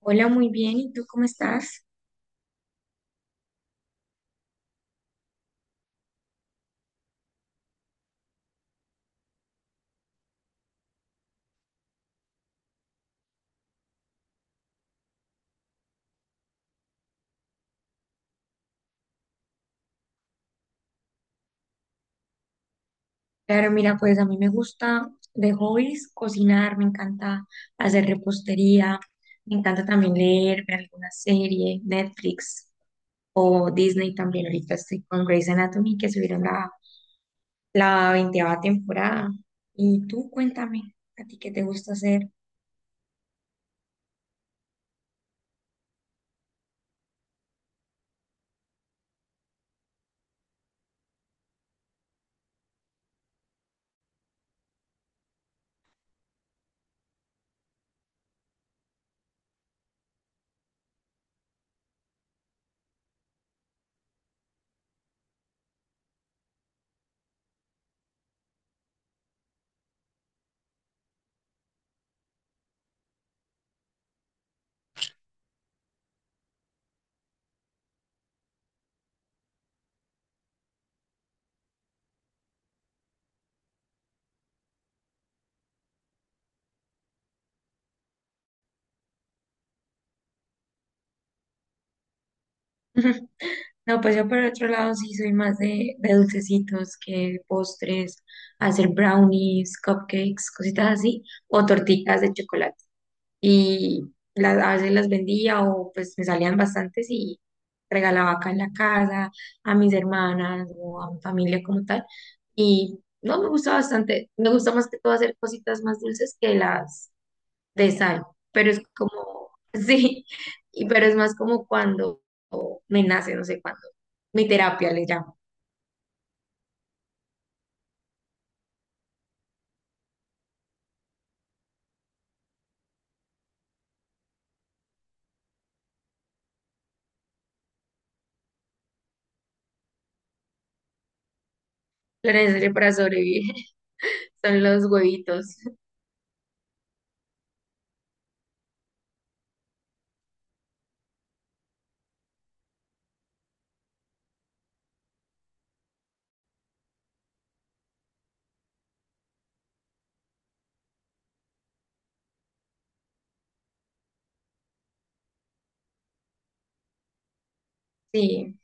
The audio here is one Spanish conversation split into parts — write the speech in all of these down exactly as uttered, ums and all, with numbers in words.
Hola, muy bien. ¿Y tú cómo estás? Claro, mira, pues a mí me gusta de hobbies cocinar, me encanta hacer repostería, me encanta también leer, ver alguna serie, Netflix o Disney también. Ahorita estoy con Grey's Anatomy que subieron la, la veinteava temporada. Y tú cuéntame, ¿a ti qué te gusta hacer? No, pues yo por otro lado sí soy más de, de dulcecitos que postres, hacer brownies, cupcakes, cositas así, o tortitas de chocolate. Y la- a veces las vendía o pues me salían bastantes y regalaba acá en la casa a mis hermanas o a mi familia como tal. Y no, me gusta bastante, me gusta más que todo hacer cositas más dulces que las de sal, pero es como, sí, y, pero es más como cuando me nace, no sé cuándo, mi terapia le llamo, lo necesario para sobrevivir son los huevitos, sí.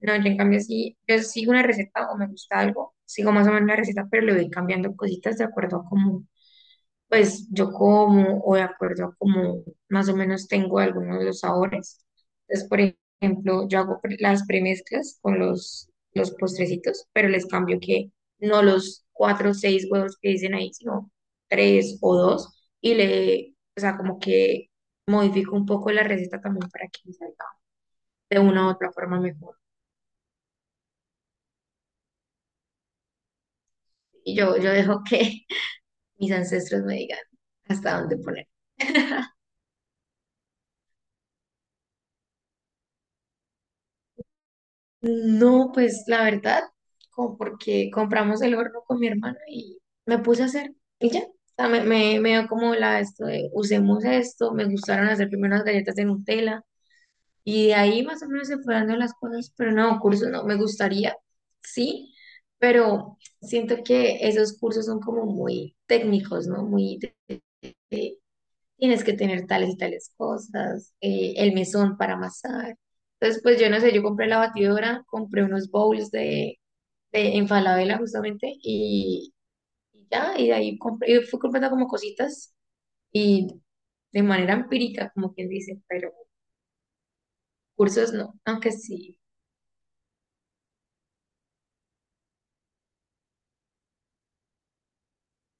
No, yo en cambio sí, yo sigo una receta o me gusta algo, sigo más o menos la receta, pero le voy cambiando cositas de acuerdo a cómo, pues yo como o de acuerdo a cómo más o menos tengo algunos de los sabores. Entonces, por ejemplo, yo hago pre- las premezclas con los, los postrecitos, pero les cambio que no los cuatro o seis huevos que dicen ahí, sino tres o dos, y le, o sea, como que modifico un poco la receta también para que me salga de una u otra forma mejor. Y yo, yo dejo que mis ancestros me digan hasta dónde poner. No, pues la verdad, como porque compramos el horno con mi hermana y me puse a hacer y ya. O sea, me, me, me dio como la esto de usemos esto, me gustaron hacer primero unas galletas de Nutella y de ahí más o menos se fueron dando las cosas, pero no, cursos no, me gustaría, sí, pero siento que esos cursos son como muy técnicos, ¿no? Muy de- de- tienes que tener tales y tales cosas, eh, el mesón para amasar. Entonces, pues yo no sé, yo compré la batidora, compré unos bowls de, de en Falabella justamente y, y ya, y de ahí compré, y fui comprando como cositas y de manera empírica, como quien dice, pero cursos no, aunque sí.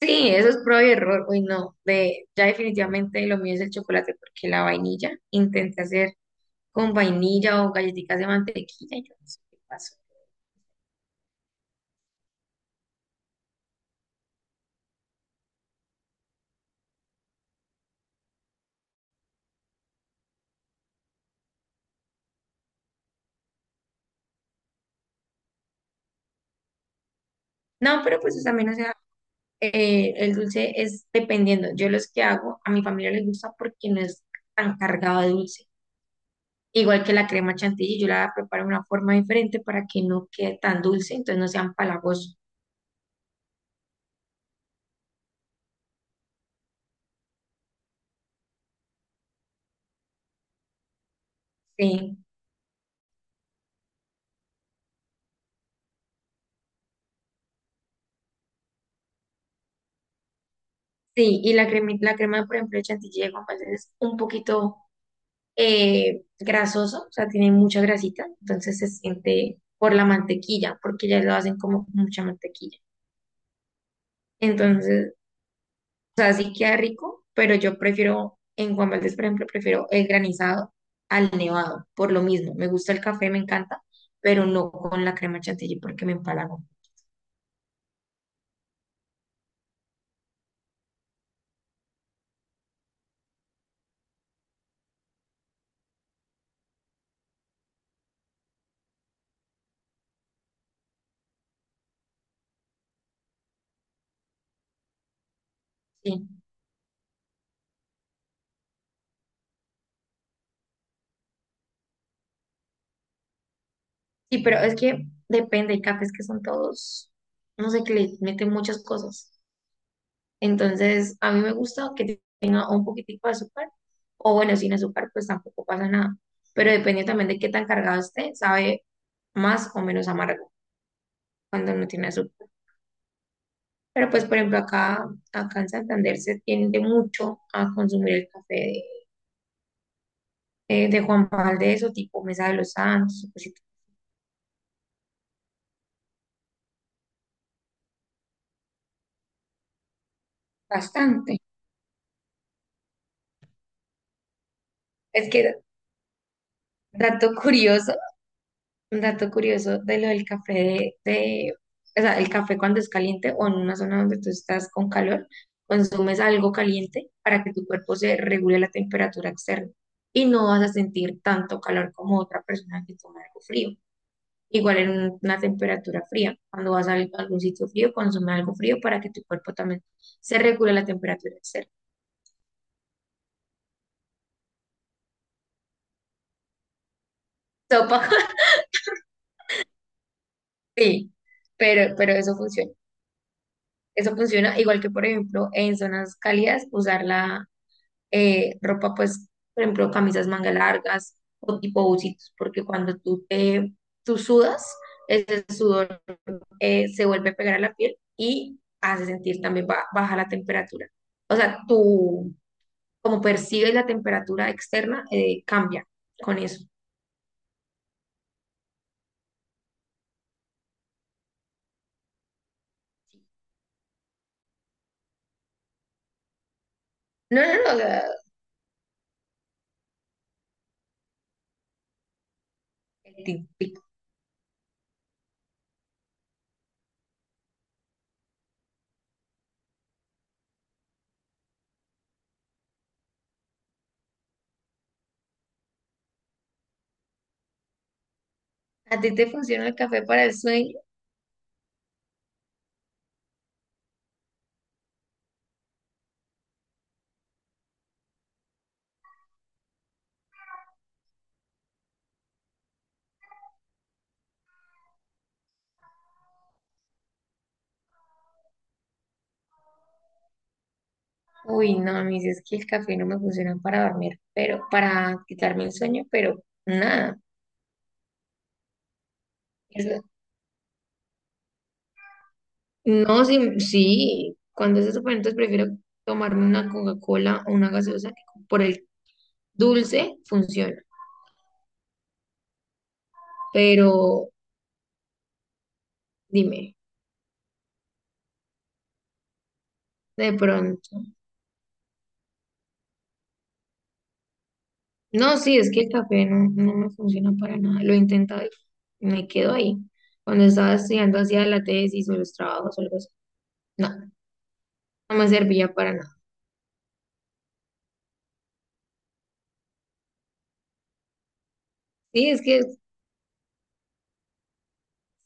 Sí, eso es prueba y error, uy no, de, ya definitivamente lo mío es el chocolate porque la vainilla, intenté hacer con vainilla o galletitas de mantequilla y yo no sé qué pasó. No, pero pues eso también eh, el dulce es dependiendo. Yo los que hago, a mi familia les gusta porque no es tan cargado de dulce. Igual que la crema chantilly, yo la preparo de una forma diferente para que no quede tan dulce, entonces no sean palagosos. Sí, sí, y la crema, la crema, por ejemplo, de chantilly de Juan Valdez es un poquito eh, grasoso, o sea, tiene mucha grasita, entonces se siente por la mantequilla, porque ya lo hacen como con mucha mantequilla. Entonces O sea, sí queda rico, pero yo prefiero, en Juan Valdez, por ejemplo, prefiero el granizado al nevado, por lo mismo. Me gusta el café, me encanta, pero no con la crema chantilly porque me empalago. Sí. Sí, pero es que depende, hay cafés que son todos, no sé, que le meten muchas cosas. Entonces, a mí me gusta que tenga un poquitico de azúcar, o bueno, sin azúcar, pues tampoco pasa nada. Pero depende también de qué tan cargado esté, sabe más o menos amargo cuando no tiene azúcar. Pero pues, por ejemplo, acá, acá en Santander se tiende mucho a consumir el café de, eh, de Juan Valdez o tipo Mesa de los Santos, pues, bastante. Es que, dato curioso, un dato curioso de lo del café de, de- o sea, el café cuando es caliente o en una zona donde tú estás con calor, consumes algo caliente para que tu cuerpo se regule la temperatura externa y no vas a sentir tanto calor como otra persona que toma algo frío. Igual en un- una temperatura fría. Cuando vas a al- algún sitio frío, consume algo frío para que tu cuerpo también se regule la temperatura externa. Sopa, sí, pero, pero eso funciona. Eso funciona igual que, por ejemplo, en zonas cálidas, usar la eh, ropa, pues, por ejemplo, camisas manga largas o tipo bucitos, porque cuando tú, te, tú sudas, ese sudor eh, se vuelve a pegar a la piel y hace sentir también ba- baja la temperatura. O sea, tu como percibes la temperatura externa, eh, cambia con eso. No, no, no, o sea, tic, tic. ¿A ti te funciona el café para el sueño? Uy, no, a mí sí es que el café no me funciona para dormir, pero para quitarme el sueño, pero nada. Eso- no, sí, sí, cuando es eso, pues, entonces prefiero tomarme una Coca-Cola o una gaseosa que por el dulce funciona, pero dime, de pronto. No, sí, es que el café no, no me funciona para nada. Lo he intentado y me quedo ahí. Cuando estaba estudiando hacía la tesis o los trabajos o algo así. No, no me servía para nada. Sí, es que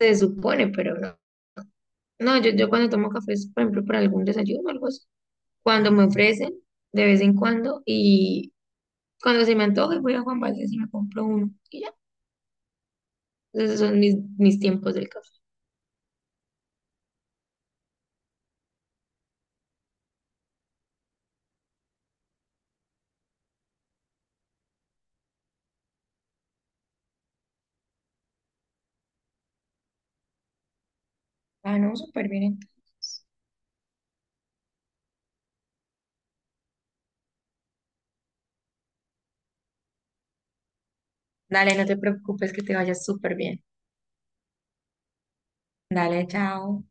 se supone, pero no. No, yo, yo cuando tomo café es, por ejemplo, para algún desayuno o algo así. Cuando me ofrecen, de vez en cuando, y cuando se me antoje voy a Juan Valdez y me compro uno. Y ya, esos son mis, mis tiempos del café. Ah, no, súper bien. Dale, no te preocupes que te vaya súper bien. Dale, chao.